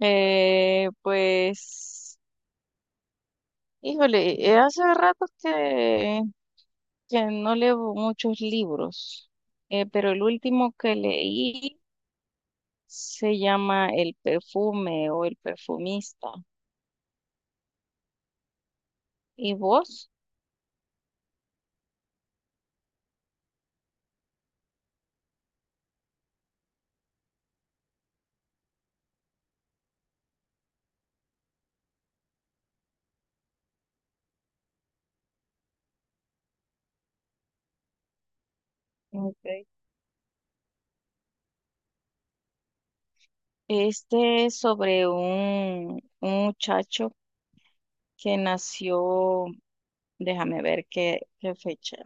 Eh, pues, híjole, hace rato que no leo muchos libros, pero el último que leí se llama El perfume o El perfumista. ¿Y vos? Okay. Este es sobre un muchacho que nació, déjame ver qué fecha,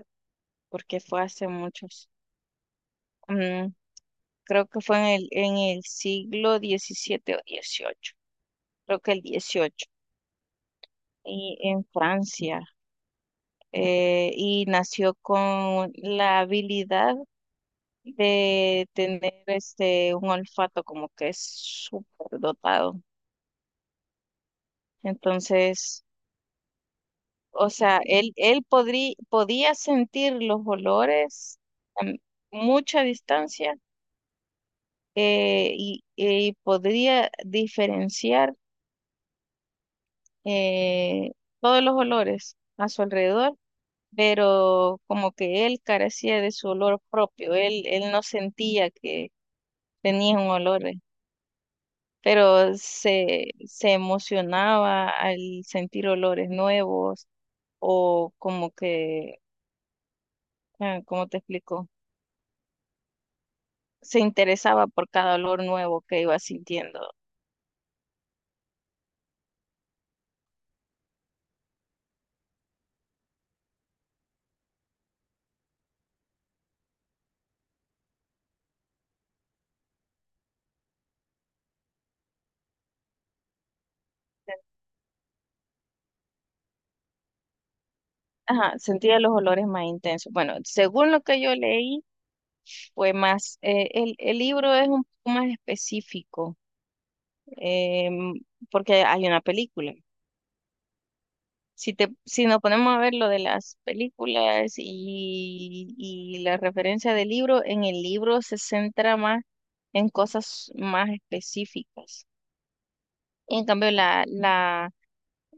porque fue hace muchos, mm, creo que fue en el siglo 17 o 18, creo que el 18, y en Francia, y nació con la habilidad de tener este, un olfato como que es súper dotado. Entonces, o sea, él podía sentir los olores a mucha distancia, y podría diferenciar eh, todos los olores a su alrededor, pero como que él carecía de su olor propio, él no sentía que tenía un olor, pero se emocionaba al sentir olores nuevos o como que, ah, ¿cómo te explico? Se interesaba por cada olor nuevo que iba sintiendo. Ajá, sentía los olores más intensos. Bueno, según lo que yo leí, fue más, el libro es un poco más específico, em, porque hay una película. Si te, si nos ponemos a ver lo de las películas y la referencia del libro, en el libro se centra más en cosas más específicas. En cambio, la, la,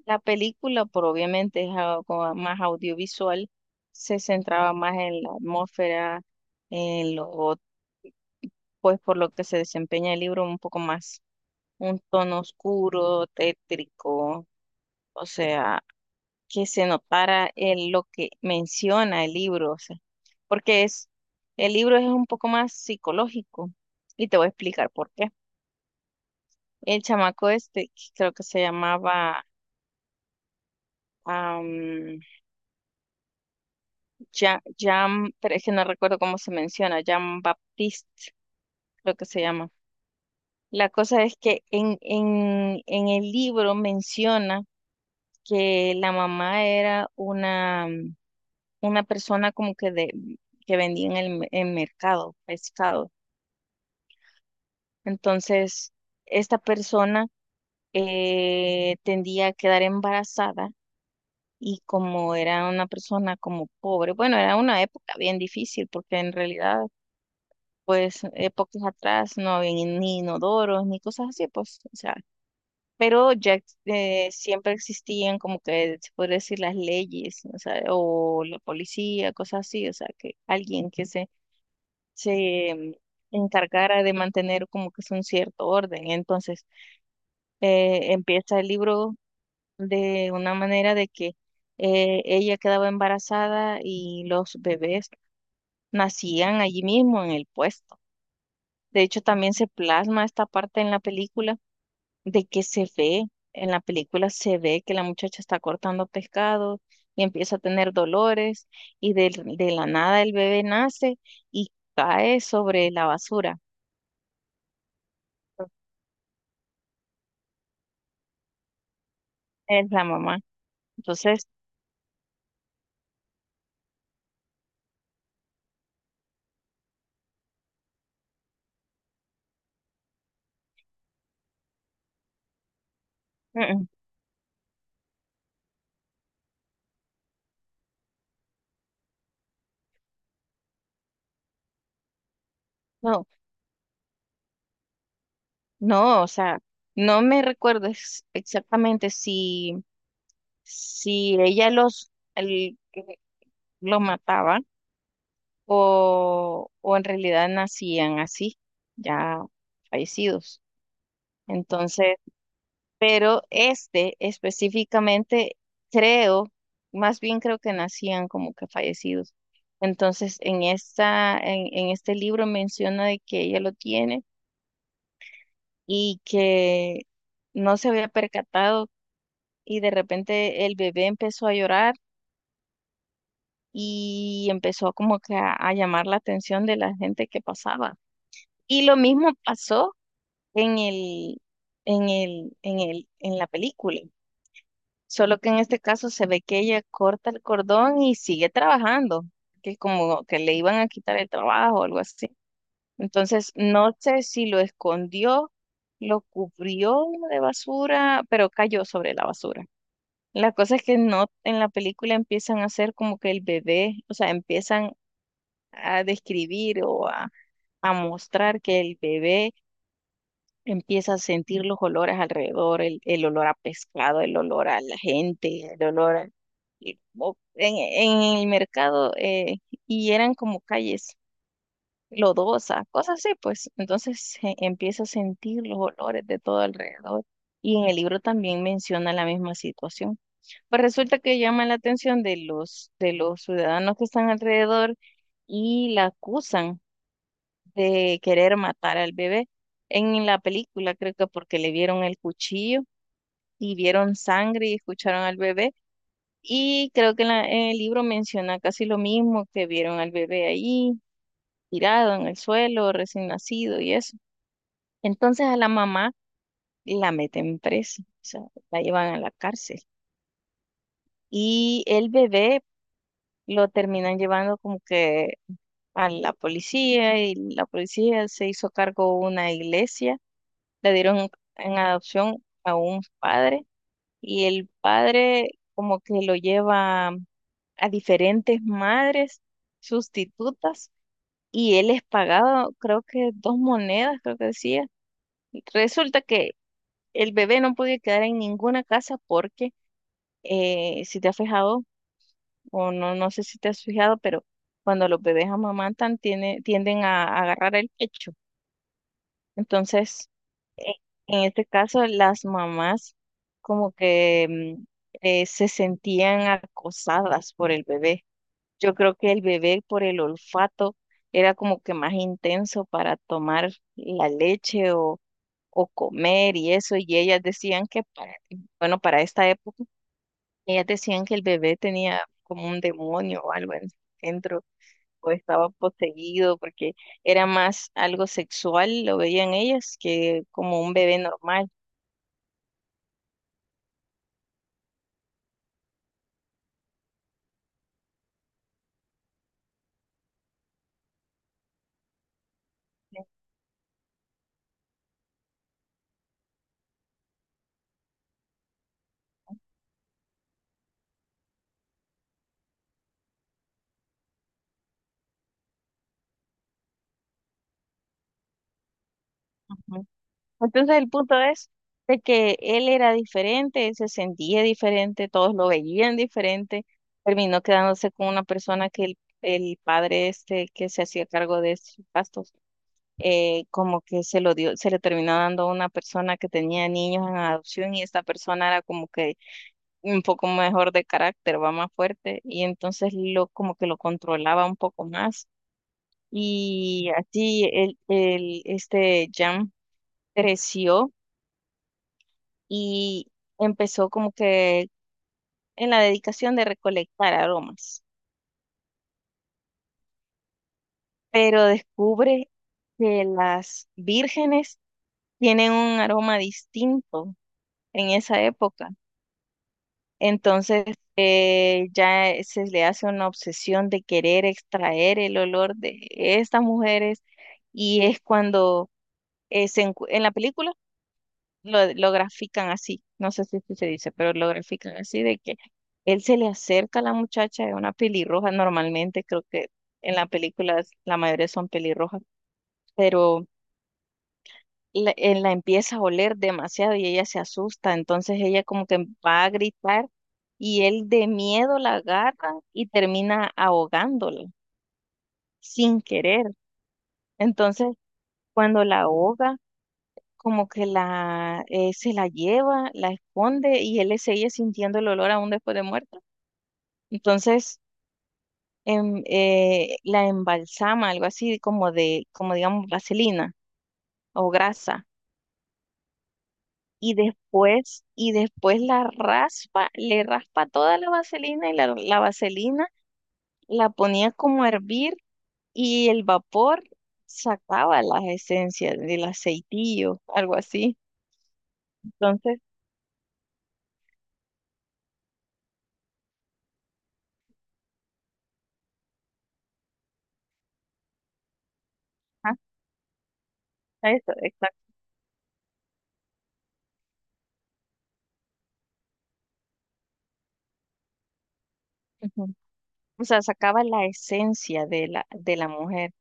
la película, por obviamente es algo más audiovisual, se centraba más en la atmósfera, en lo, pues por lo que se desempeña el libro un poco más, un tono oscuro, tétrico, o sea, que se notara lo que menciona el libro, o sea, porque es, el libro es un poco más psicológico y te voy a explicar por qué. El chamaco este, que creo que se llamaba am, Jean, pero es que no recuerdo cómo se menciona, Jean Baptiste, creo que se llama. La cosa es que en el libro menciona que la mamá era una persona como que de, que vendía en el en mercado pescado. Entonces, esta persona tendía a quedar embarazada, y como era una persona como pobre, bueno, era una época bien difícil porque en realidad, pues, épocas atrás no había ni ni inodoros ni cosas así, pues, o sea, pero siempre existían como que se puede decir las leyes, o sea, o la policía, cosas así, o sea, que alguien que se encargara de mantener como que es un cierto orden. Entonces, empieza el libro de una manera de que ella quedaba embarazada y los bebés nacían allí mismo en el puesto. De hecho, también se plasma esta parte en la película de que se ve, en la película se ve que la muchacha está cortando pescado y empieza a tener dolores y de la nada el bebé nace y cae sobre la basura. Es la mamá. Entonces, mm, mm, no, no, o sea, no me recuerdo exactamente si, si ella los lo mataba o en realidad nacían así, ya fallecidos. Entonces, pero este específicamente creo, más bien creo que nacían como que fallecidos. Entonces, en esta, en este libro menciona de que ella lo tiene y que no se había percatado y de repente el bebé empezó a llorar y empezó como que a llamar la atención de la gente que pasaba. Y lo mismo pasó en el, en en la película. Solo que en este caso se ve que ella corta el cordón y sigue trabajando, que como que le iban a quitar el trabajo o algo así. Entonces, no sé si lo escondió, lo cubrió de basura, pero cayó sobre la basura. La cosa es que no, en la película empiezan a hacer como que el bebé, o sea, empiezan a describir o a mostrar que el bebé empieza a sentir los olores alrededor, el olor a pescado, el olor a la gente, el olor en el mercado, y eran como calles lodosas, cosas así, pues. Entonces, empieza a sentir los olores de todo alrededor. Y en el libro también menciona la misma situación. Pues resulta que llama la atención de los ciudadanos que están alrededor y la acusan de querer matar al bebé. En la película creo que porque le vieron el cuchillo y vieron sangre y escucharon al bebé. Y creo que en el libro menciona casi lo mismo, que vieron al bebé ahí tirado en el suelo, recién nacido y eso. Entonces a la mamá la meten presa, o sea, la llevan a la cárcel. Y el bebé lo terminan llevando como que a la policía y la policía se hizo cargo de una iglesia, le dieron en adopción a un padre, y el padre como que lo lleva a diferentes madres sustitutas y él es pagado creo que dos monedas, creo que decía. Resulta que el bebé no podía quedar en ninguna casa porque si te has fijado o no, no sé si te has fijado, pero cuando los bebés amamantan tienden a agarrar el pecho. Entonces, e- en este caso, las mamás como que se sentían acosadas por el bebé. Yo creo que el bebé por el olfato era como que más intenso para tomar la leche o comer y eso, y ellas decían que para, bueno, para esta época, ellas decían que el bebé tenía como un demonio o algo dentro o estaba poseído, porque era más algo sexual, lo veían ellas, que como un bebé normal. Ujú. Entonces el punto es de que él era diferente, él se sentía diferente, todos lo veían diferente, terminó quedándose con una persona que el padre este que se hacía cargo de sus gastos, como que se lo dio, se le terminó dando a una persona que tenía niños en adopción, y esta persona era como que un poco mejor de carácter, va más fuerte, y entonces lo como que lo controlaba un poco más, y así el este Jam creció y empezó como que en la dedicación de recolectar aromas, pero descubre que las vírgenes tienen un aroma distinto en esa época. Entonces, ya se le hace una obsesión de querer extraer el olor de estas mujeres, y es cuando en la película lo grafican así, no sé si así se dice, pero lo grafican así de que él se le acerca a la muchacha de una pelirroja, normalmente creo que en la película la mayoría son pelirrojas, pero la empieza a oler demasiado y ella se asusta, entonces ella como que va a gritar y él de miedo la agarra y termina ahogándola sin querer. Entonces, cuando la ahoga, como que la se la lleva, la esconde y él sigue sintiendo el olor aún después de muerta. Entonces, la embalsama, algo así como de, como digamos, vaselina o grasa, y después la raspa, le raspa toda la vaselina y la vaselina la ponía como a hervir y el vapor sacaba las esencias del aceitillo, algo así. Entonces, ah, eso, exacto. Ujú. O sea, sacaba la esencia de la mujer.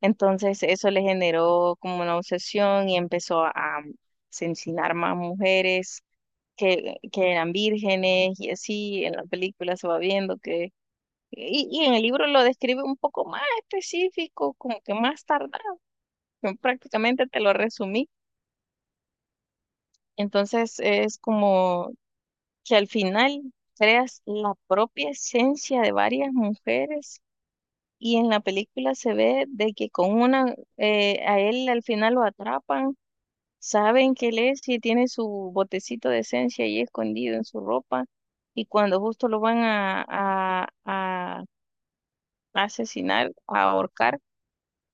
Entonces, eso le generó como una obsesión y empezó a asesinar más mujeres que eran vírgenes, y así en la película se va viendo que y en el libro lo describe un poco más específico, como que más tardado, que prácticamente te lo resumí. Entonces es como que al final creas la propia esencia de varias mujeres, y en la película se ve de que con una, a él al final lo atrapan, saben que él es y tiene su botecito de esencia ahí escondido en su ropa, y cuando justo lo van a asesinar, a ahorcar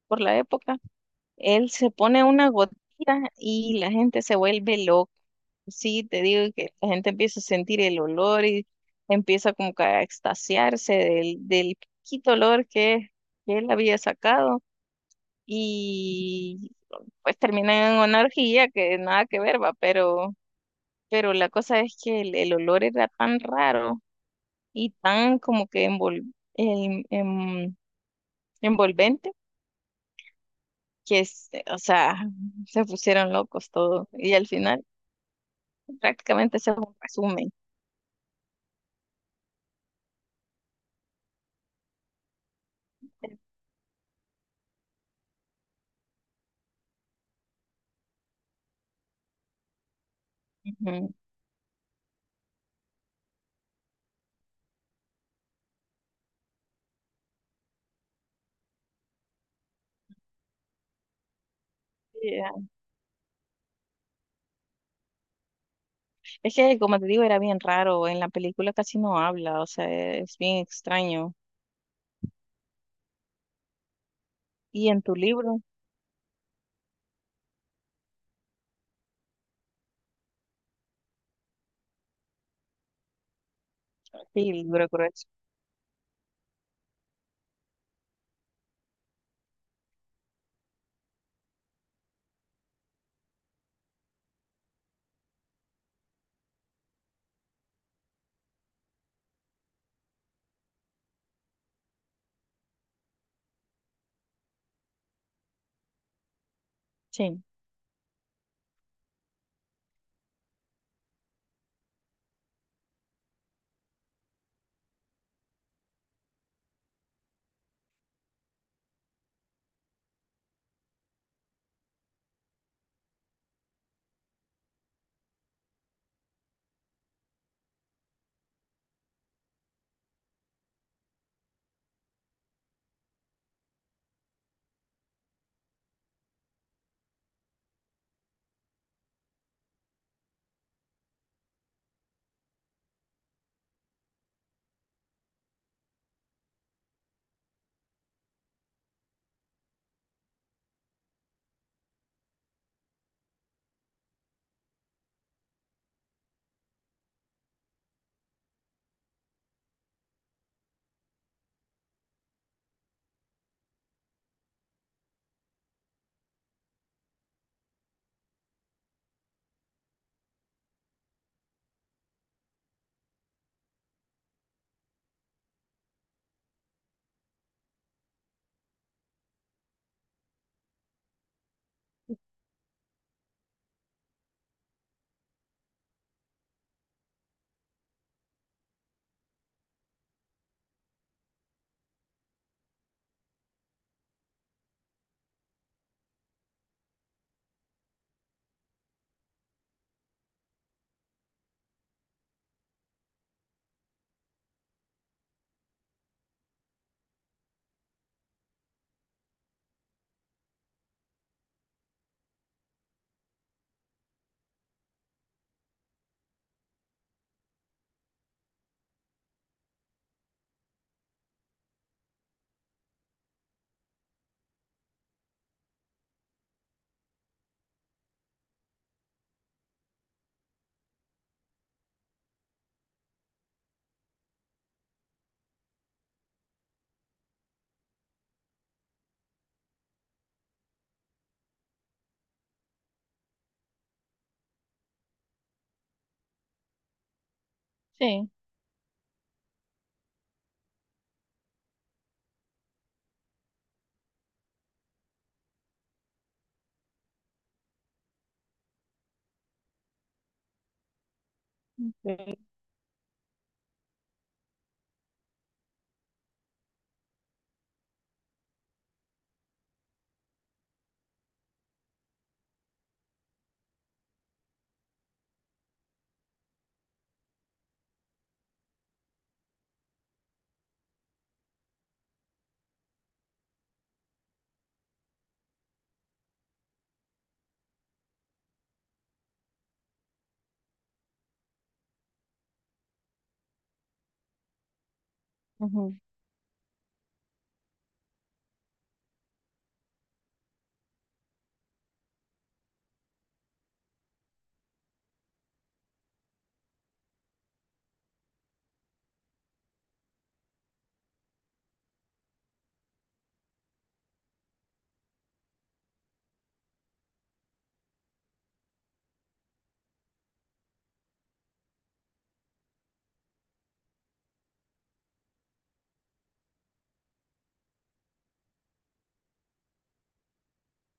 por la época, él se pone una gotita y la gente se vuelve loca. Sí, te digo que la gente empieza a sentir el olor y empieza como que a extasiarse del poquito olor que él había sacado, y pues termina en una orgía que nada que ver, va, pero la cosa es que el olor era tan raro y tan como que envolvente que, o sea, se pusieron locos todos y al final prácticamente ese es un resumen. Ujú. Ya. Es que, como te digo, era bien raro. En la película casi no habla, o sea, es bien extraño. Y en tu libro, sí, el libro grueso. Sí, sí. Ujú,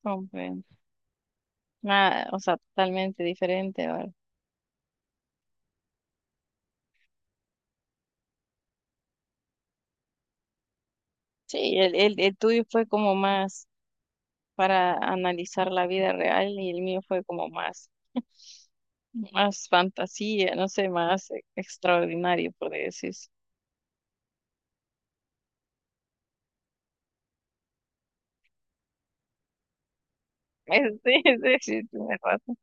comprendo. Nada, o sea, totalmente diferente, ¿verdad? Sí, el tuyo fue como más para analizar la vida real y el mío fue como más, más fantasía, no sé, más extraordinario, por decir. Sí, sí, sí, tienes razón.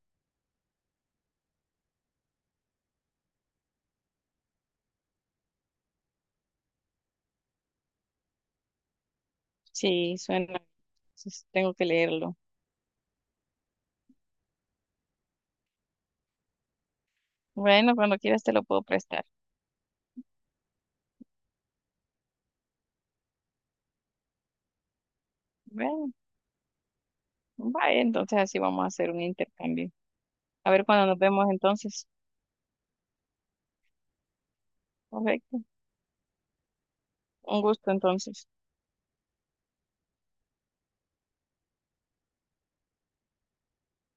Sí, suena. Entonces, tengo que leerlo. Bueno, cuando quieras te lo puedo prestar. Bueno, vaya, entonces así vamos a hacer un intercambio. A ver cuando nos vemos entonces. Perfecto. Un gusto entonces.